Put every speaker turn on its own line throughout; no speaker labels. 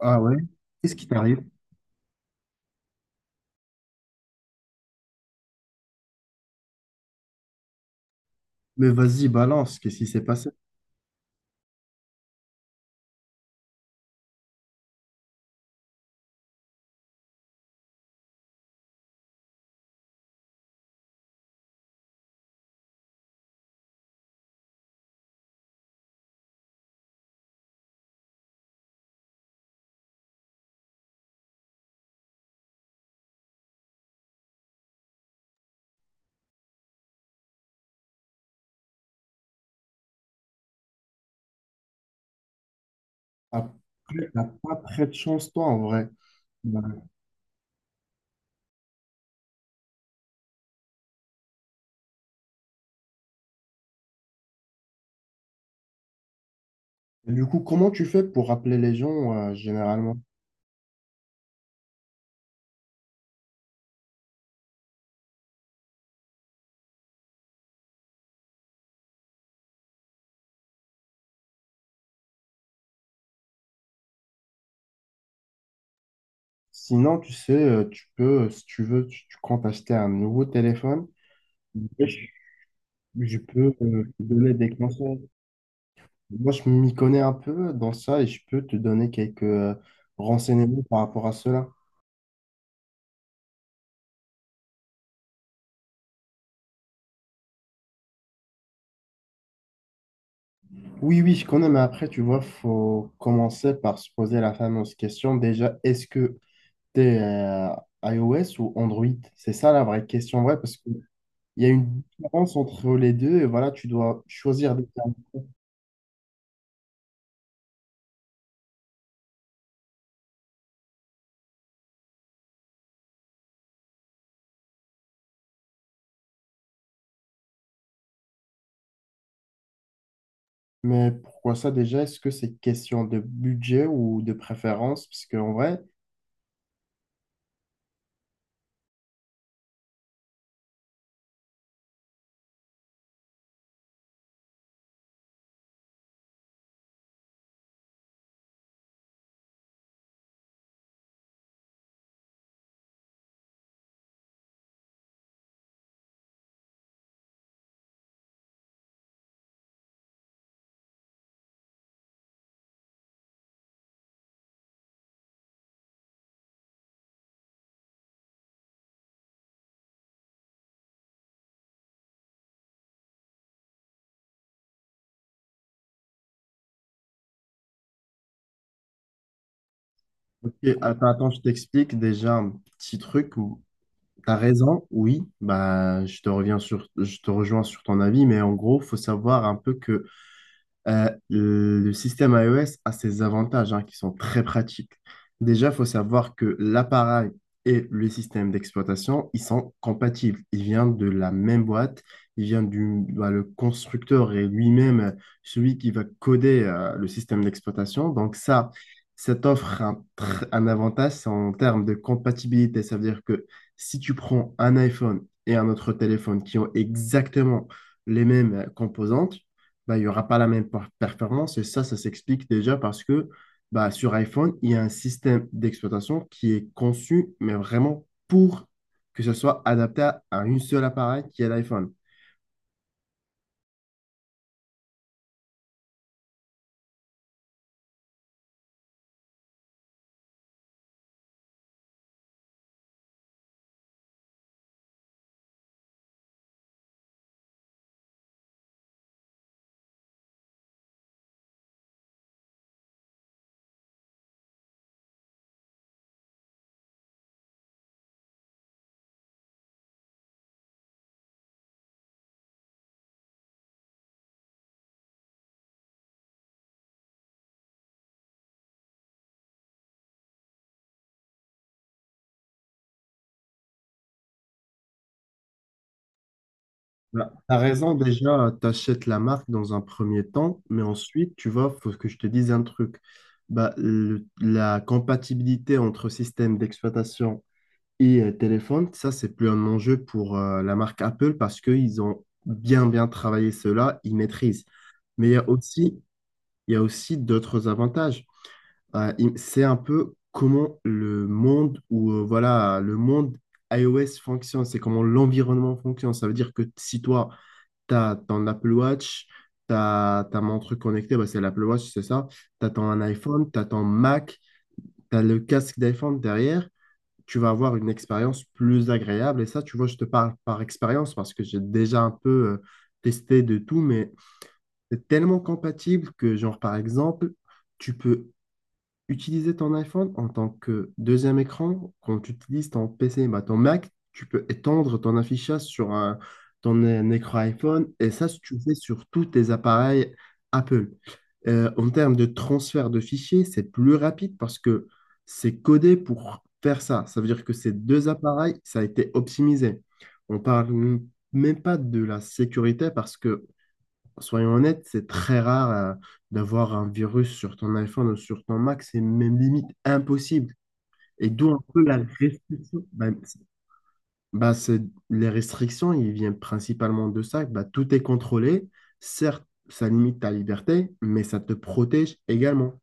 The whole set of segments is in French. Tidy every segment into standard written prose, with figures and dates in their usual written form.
Ah ouais? Qu'est-ce qui t'arrive? Mais vas-y, balance, qu'est-ce qui s'est passé? Après, t'as pas très de chance, toi, en vrai. Bah, du coup, comment tu fais pour rappeler les gens, généralement? Sinon, tu sais, tu peux, si tu veux, tu comptes acheter un nouveau téléphone. Et je peux te donner des conseils. Moi, je m'y connais un peu dans ça et je peux te donner quelques renseignements par rapport à cela. Oui, oui, je connais, mais après, tu vois, faut commencer par se poser la fameuse question déjà, est-ce que t'es iOS ou Android? C'est ça la vraie question, en vrai, parce qu'il y a une différence entre les deux et voilà, tu dois choisir des termes. Mais pourquoi ça déjà? Est-ce que c'est question de budget ou de préférence? Parce qu'en vrai. Ok, attends, attends, je t'explique déjà un petit truc où t'as raison, oui, bah je te rejoins sur ton avis, mais en gros, faut savoir un peu que le système iOS a ses avantages, hein, qui sont très pratiques. Déjà, il faut savoir que l'appareil et le système d'exploitation, ils sont compatibles. Ils viennent de la même boîte. Ils viennent le constructeur et lui-même, celui qui va coder le système d'exploitation. Donc ça t'offre un avantage, c'est en termes de compatibilité. Ça veut dire que si tu prends un iPhone et un autre téléphone qui ont exactement les mêmes composantes, bah, il n'y aura pas la même performance. Et ça s'explique déjà parce que bah, sur iPhone, il y a un système d'exploitation qui est conçu, mais vraiment pour que ce soit adapté à une seule appareil qui est l'iPhone. Voilà. T'as raison, déjà, tu achètes la marque dans un premier temps, mais ensuite, tu vois, faut que je te dise un truc. Bah, la compatibilité entre système d'exploitation et téléphone, ça, c'est plus un enjeu pour la marque Apple parce qu'ils ont bien, bien travaillé cela, ils maîtrisent. Mais il y a aussi d'autres avantages. C'est un peu comment le monde ou voilà, le monde iOS fonctionne, c'est comment l'environnement fonctionne. Ça veut dire que si toi, tu as ton Apple Watch, tu ta montre connectée, bah, c'est l'Apple Watch, c'est ça. Tu as ton iPhone, tu as ton Mac, tu as le casque d'iPhone derrière, tu vas avoir une expérience plus agréable. Et ça, tu vois, je te parle par expérience parce que j'ai déjà un peu testé de tout, mais c'est tellement compatible que, genre, par exemple, tu peux utiliser ton iPhone en tant que deuxième écran quand tu utilises ton PC. Bah, ton Mac, tu peux étendre ton affichage sur ton écran iPhone et ça, si tu le fais sur tous tes appareils Apple. En termes de transfert de fichiers, c'est plus rapide parce que c'est codé pour faire ça. Ça veut dire que ces deux appareils, ça a été optimisé. On parle même pas de la sécurité. Parce qu'on Soyons honnêtes, c'est très rare d'avoir un virus sur ton iPhone ou sur ton Mac, c'est même limite impossible. Et d'où un peu la restriction. Bah, bah, c'est- les restrictions, ils viennent principalement de ça. Bah, tout est contrôlé. Certes, ça limite ta liberté, mais ça te protège également.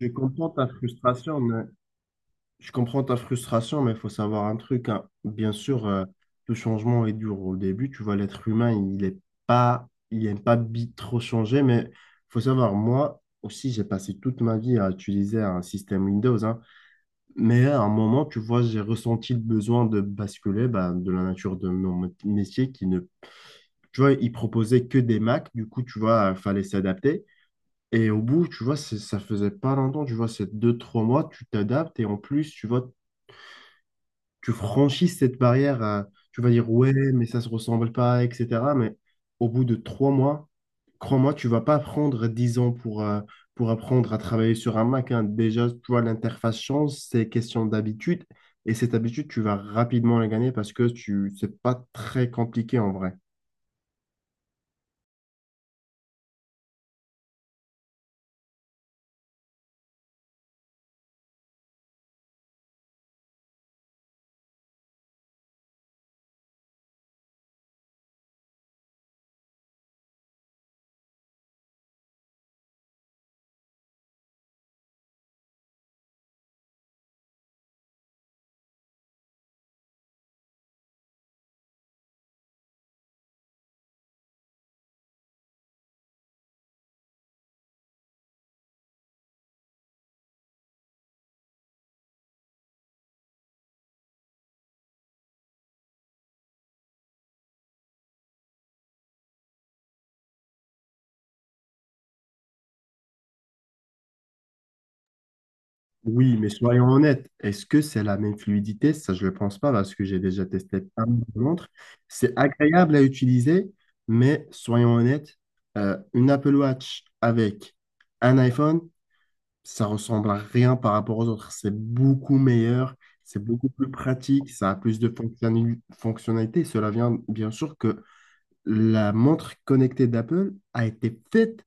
Je comprends ta frustration, euh, Je comprends ta frustration, mais il faut savoir un truc, hein. Bien sûr, tout changement est dur au début. Tu vois, l'être humain, il aime pas trop changer, mais faut savoir, moi aussi, j'ai passé toute ma vie à utiliser un système Windows, hein. Mais à un moment, tu vois, j'ai ressenti le besoin de basculer bah, de la nature de mon métier qui ne, tu vois, il proposait que des Mac. Du coup, tu vois, il fallait s'adapter. Et au bout, tu vois, ça faisait pas longtemps, tu vois, c'est 2, 3 mois, tu t'adaptes et en plus, tu vois, tu franchis cette barrière, tu vas dire ouais, mais ça se ressemble pas, etc. Mais au bout de 3 mois, crois-moi, tu vas pas prendre 10 ans pour apprendre à travailler sur un Mac, hein. Déjà, tu vois, l'interface change, c'est question d'habitude. Et cette habitude, tu vas rapidement la gagner parce que c'est pas très compliqué en vrai. Oui, mais soyons honnêtes, est-ce que c'est la même fluidité? Ça, je ne le pense pas parce que j'ai déjà testé un montre. C'est agréable à utiliser, mais soyons honnêtes, une Apple Watch avec un iPhone, ça ressemble à rien par rapport aux autres. C'est beaucoup meilleur, c'est beaucoup plus pratique, ça a plus de fonctionnalités. Cela vient bien sûr que la montre connectée d'Apple a été faite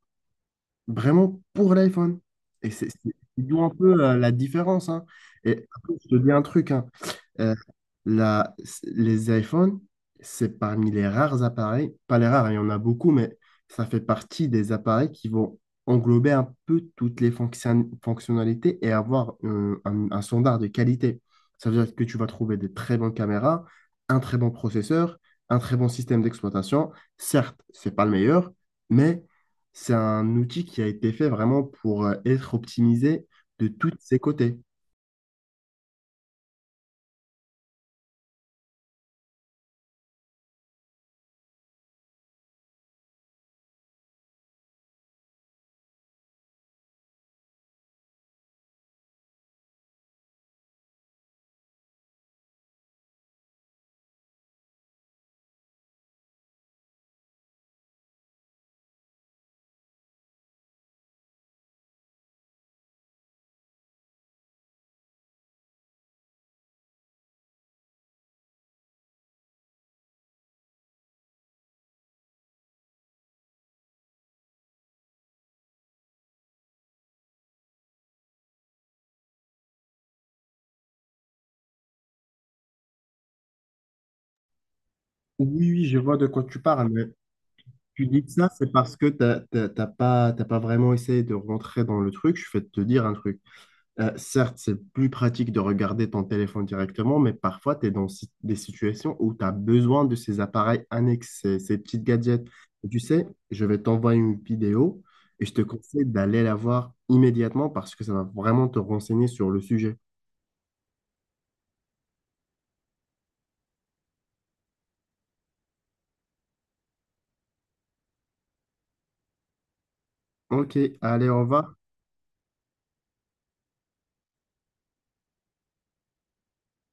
vraiment pour l'iPhone. Et c'est d'où un peu la différence, hein. Et après, je te dis un truc, hein. Euh, la- les iPhones, c'est parmi les rares appareils, pas les rares, il y en a beaucoup, mais ça fait partie des appareils qui vont englober un peu toutes les fonctionnalités et avoir un standard de qualité. Ça veut dire que tu vas trouver des très bonnes caméras, un très bon processeur, un très bon système d'exploitation. Certes, c'est pas le meilleur, mais c'est un outil qui a été fait vraiment pour être optimisé de tous ses côtés. Oui, oui, je vois de quoi tu parles, mais tu dis ça, c'est parce que t'as pas vraiment essayé de rentrer dans le truc. Je vais te dire un truc. Certes, c'est plus pratique de regarder ton téléphone directement, mais parfois, tu es dans des situations où tu as besoin de ces appareils annexes, ces petites gadgets. Et tu sais, je vais t'envoyer une vidéo et je te conseille d'aller la voir immédiatement parce que ça va vraiment te renseigner sur le sujet. Ok, allez, au revoir.